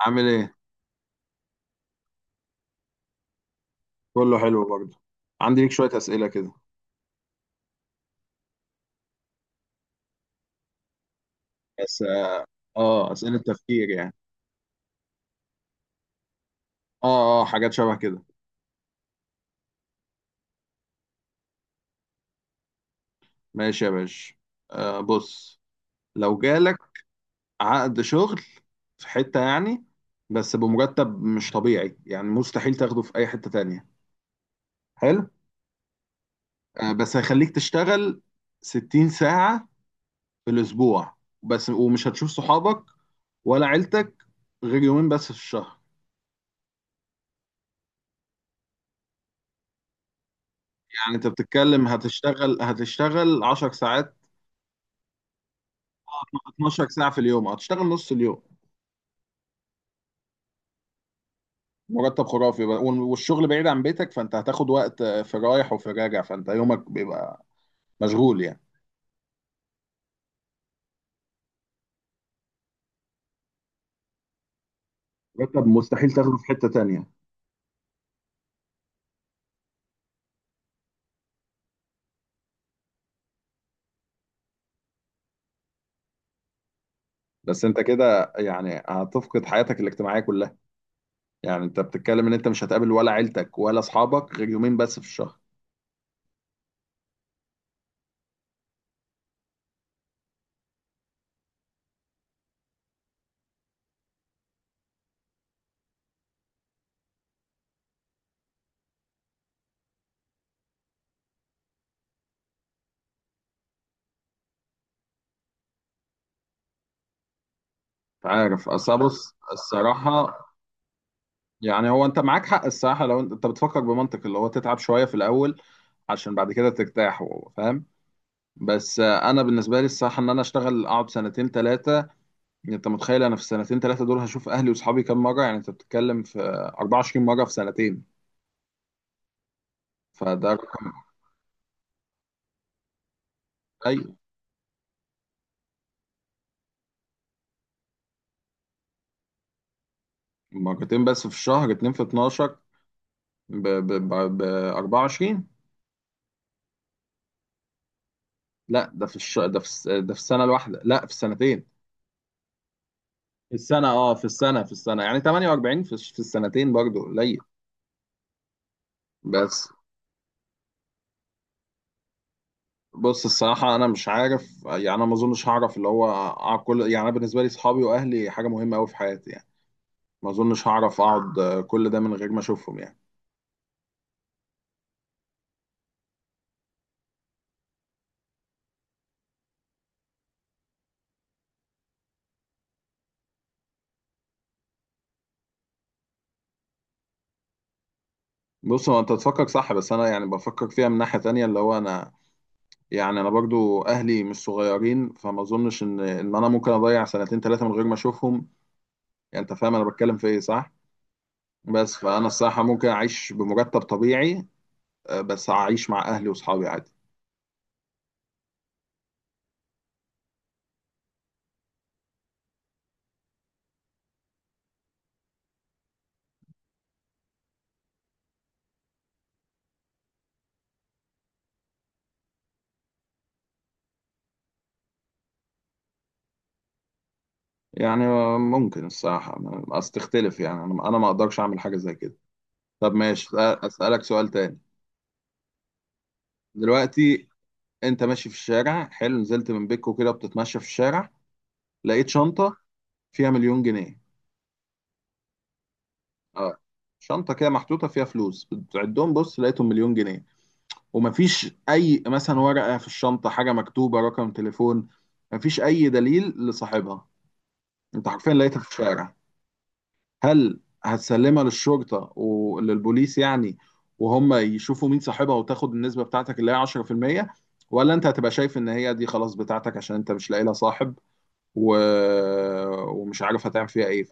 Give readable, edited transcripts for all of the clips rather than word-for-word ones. عامل ايه؟ كله حلو برضه. عندي ليك شوية أسئلة كده. بس اه، أسئلة تفكير يعني. اه، حاجات شبه كده. ماشي يا باشا. آه بص، لو جالك عقد شغل في حتة يعني، بس بمرتب مش طبيعي، يعني مستحيل تاخده في أي حتة تانية. حلو. آه بس هيخليك تشتغل 60 ساعة في الأسبوع، بس ومش هتشوف صحابك ولا عيلتك غير يومين بس في الشهر. يعني انت بتتكلم هتشتغل 10 ساعات، 12 ساعة في اليوم، هتشتغل نص اليوم. مرتب خرافي بقى. والشغل بعيد عن بيتك، فانت هتاخد وقت، في رايح وفي راجع، فانت يومك بيبقى مشغول يعني. مرتب مستحيل تاخده في حتة تانية. بس انت كده يعني هتفقد حياتك الاجتماعية كلها. يعني انت بتتكلم ان انت مش هتقابل ولا عيلتك ولا اصحابك غير يومين بس في الشهر. مش عارف، اصل بص الصراحة، يعني هو انت معاك حق الصراحة. لو انت بتفكر بمنطق اللي هو تتعب شوية في الاول عشان بعد كده ترتاح، فاهم؟ بس انا بالنسبه لي الصراحه ان انا اشتغل اقعد سنتين ثلاثه. انت متخيل انا في السنتين ثلاثه دول هشوف اهلي واصحابي كام مره؟ يعني انت بتتكلم في 24 مره في سنتين. فده رقم قليل. مرتين بس في الشهر، اتنين في 12، ب ب ب ب 24. لا ده في ده في ده في السنه الواحده، لا في السنتين. في السنه، اه في السنه، يعني 48. في السنتين برضه قليل. بس بص الصراحة، أنا مش عارف يعني. أنا ما أظنش هعرف اللي هو أقعد كل، يعني أنا بالنسبة لي صحابي وأهلي حاجة مهمة أوي في حياتي يعني. ما اظنش هعرف اقعد كل ده من غير ما اشوفهم يعني. بص هو انت تفكر صح، بس انا يعني بفكر فيها من ناحية تانية اللي هو انا. يعني انا برضو اهلي مش صغيرين، فما اظنش ان انا ممكن اضيع سنتين ثلاثة من غير ما اشوفهم. يعني انت فاهم انا بتكلم في ايه؟ صح. بس فانا الصراحة ممكن اعيش بمرتب طبيعي، بس اعيش مع اهلي واصحابي عادي. يعني ممكن الصراحة، بس تختلف. يعني انا ما اقدرش اعمل حاجة زي كده. طب ماشي، أسألك سؤال تاني. دلوقتي انت ماشي في الشارع حلو نزلت من بيتكو كده بتتمشى في الشارع لقيت شنطة فيها مليون جنيه اه شنطة كده محطوطة فيها فلوس بتعدهم بص لقيتهم مليون جنيه ومفيش أي مثلا ورقة في الشنطة حاجة مكتوبة رقم تليفون مفيش أي دليل لصاحبها أنت حرفيا لقيتها في الشارع هل هتسلمها للشرطة وللبوليس يعني وهم يشوفوا مين صاحبها وتاخد النسبة بتاعتك اللي هي 10% ولا أنت هتبقى شايف إن هي دي خلاص بتاعتك عشان أنت مش لاقي لها صاحب و... ومش عارف هتعمل فيها ايه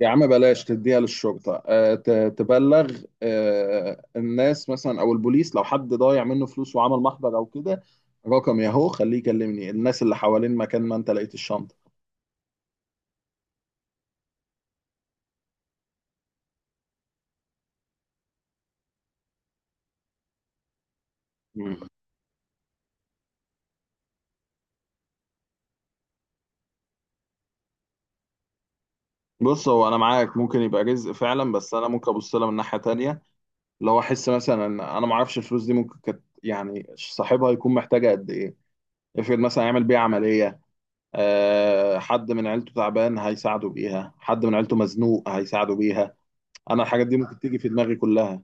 يا عم بلاش تديها للشرطة آه، ت- تبلغ آه، الناس مثلا او البوليس لو حد ضايع منه فلوس وعمل محضر او كده رقم ياهو خليه يكلمني الناس اللي حوالين مكان ما انت لقيت الشنطة مم. بص هو انا معاك ممكن يبقى رزق فعلا بس انا ممكن ابص لها من ناحية تانية لو احس مثلا ان انا ما اعرفش الفلوس دي ممكن كانت يعني صاحبها يكون محتاجة قد ايه افرض مثلا يعمل بيها عملية آه، حد من عيلته تعبان هيساعده بيها حد من عيلته مزنوق هيساعده بيها انا الحاجات دي ممكن تيجي في دماغي كلها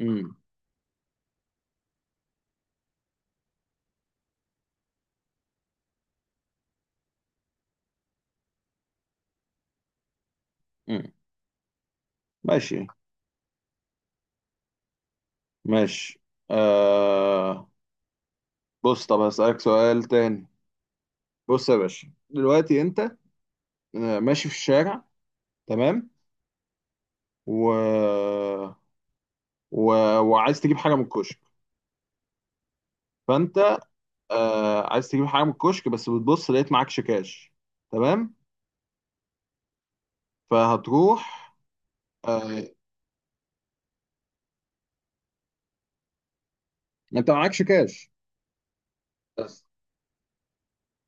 امم امم ماشي ماشي آه بص طب هسألك سؤال تاني بص يا باشا دلوقتي انت آه، ماشي في الشارع، تمام، و... و... وعايز تجيب حاجة من الكشك، فانت آه عايز تجيب حاجة من الكشك، بس بتبص لقيت معكش كاش، تمام، فهتروح. آه. انت معكش كاش؟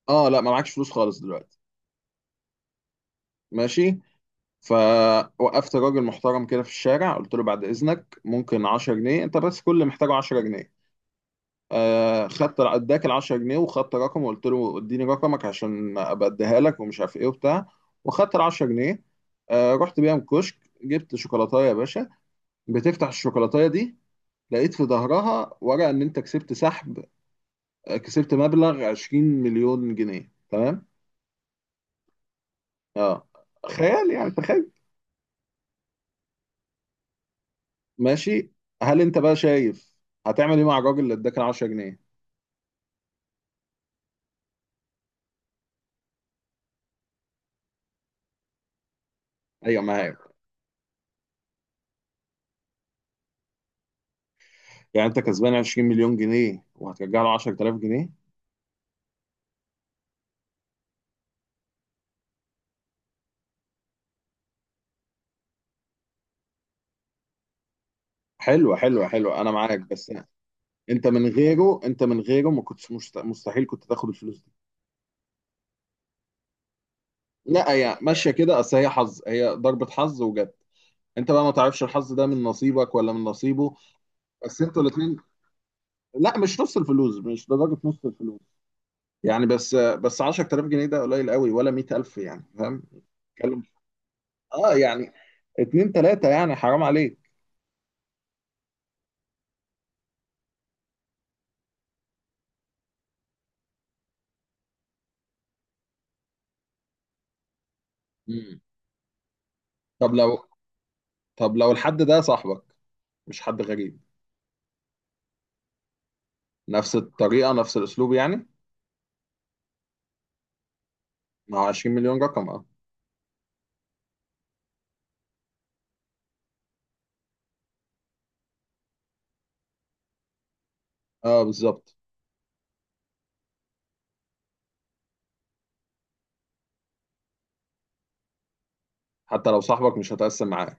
اه لا، ما معكش فلوس خالص دلوقتي. ماشي. فوقفت راجل محترم كده في الشارع، قلت له بعد اذنك ممكن 10 جنيه، انت بس كل اللي محتاجه 10 جنيه. آه خدت، اداك ال 10 جنيه، وخدت رقم، وقلت له اديني رقمك عشان ابقى اديها لك ومش عارف ايه وبتاع. وخدت ال 10 جنيه. آه رحت بيهم كشك، جبت شوكولاتايه يا باشا. بتفتح الشوكولاتايه دي، لقيت في ظهرها ورقه ان انت كسبت سحب، كسبت مبلغ 20 مليون جنيه، تمام؟ اه. خيال يعني، تخيل. ماشي. هل انت بقى شايف هتعمل ايه مع الراجل اللي اداك ال 10 جنيه؟ ايوه معاك. يعني انت كسبان 20 مليون جنيه وهترجع له 10,000 جنيه؟ حلوه حلوه حلوه، انا معاك بس. انت من غيره، ما كنتش مستحيل كنت تاخد الفلوس دي. لا هي ماشيه كده، اصل هي حظ، هي ضربه حظ وجت. انت بقى ما تعرفش الحظ ده من نصيبك ولا من نصيبه؟ بس انتوا الاثنين. لا مش نص الفلوس، مش لدرجه نص الفلوس. يعني بس 10,000 جنيه ده قليل قوي، ولا 100,000 يعني، فاهم؟ اه يعني اتنين تلاتة يعني، حرام عليك. مم. طب لو، الحد ده صاحبك، مش حد غريب، نفس الطريقة نفس الأسلوب يعني. ما هو 20 مليون رقم اه. اه بالظبط. حتى لو صاحبك مش هتقسم معاه.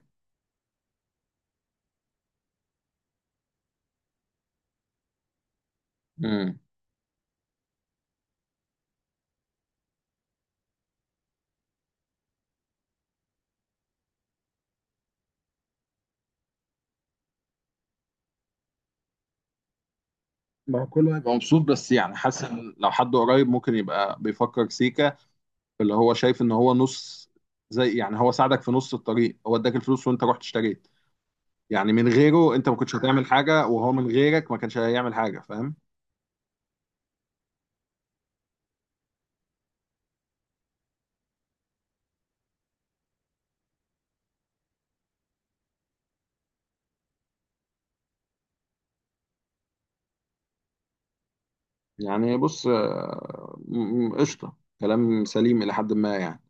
مم. ما هو كله هيبقى مبسوط، بس يعني حاسس إن لو حد قريب ممكن يبقى بيفكر سيكا، اللي هو شايف ان هو نص، زي يعني هو ساعدك في نص الطريق، هو اداك الفلوس وانت رحت اشتريت، يعني من غيره انت ما كنتش هتعمل حاجة، وهو من غيرك ما كانش هيعمل حاجة، فاهم؟ يعني بص قشطة، كلام سليم إلى حد ما يعني.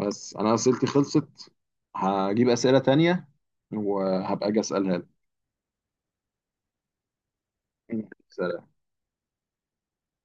بس أنا أسئلتي خلصت. هجيب أسئلة تانية وهبقى أجي أسألها لك.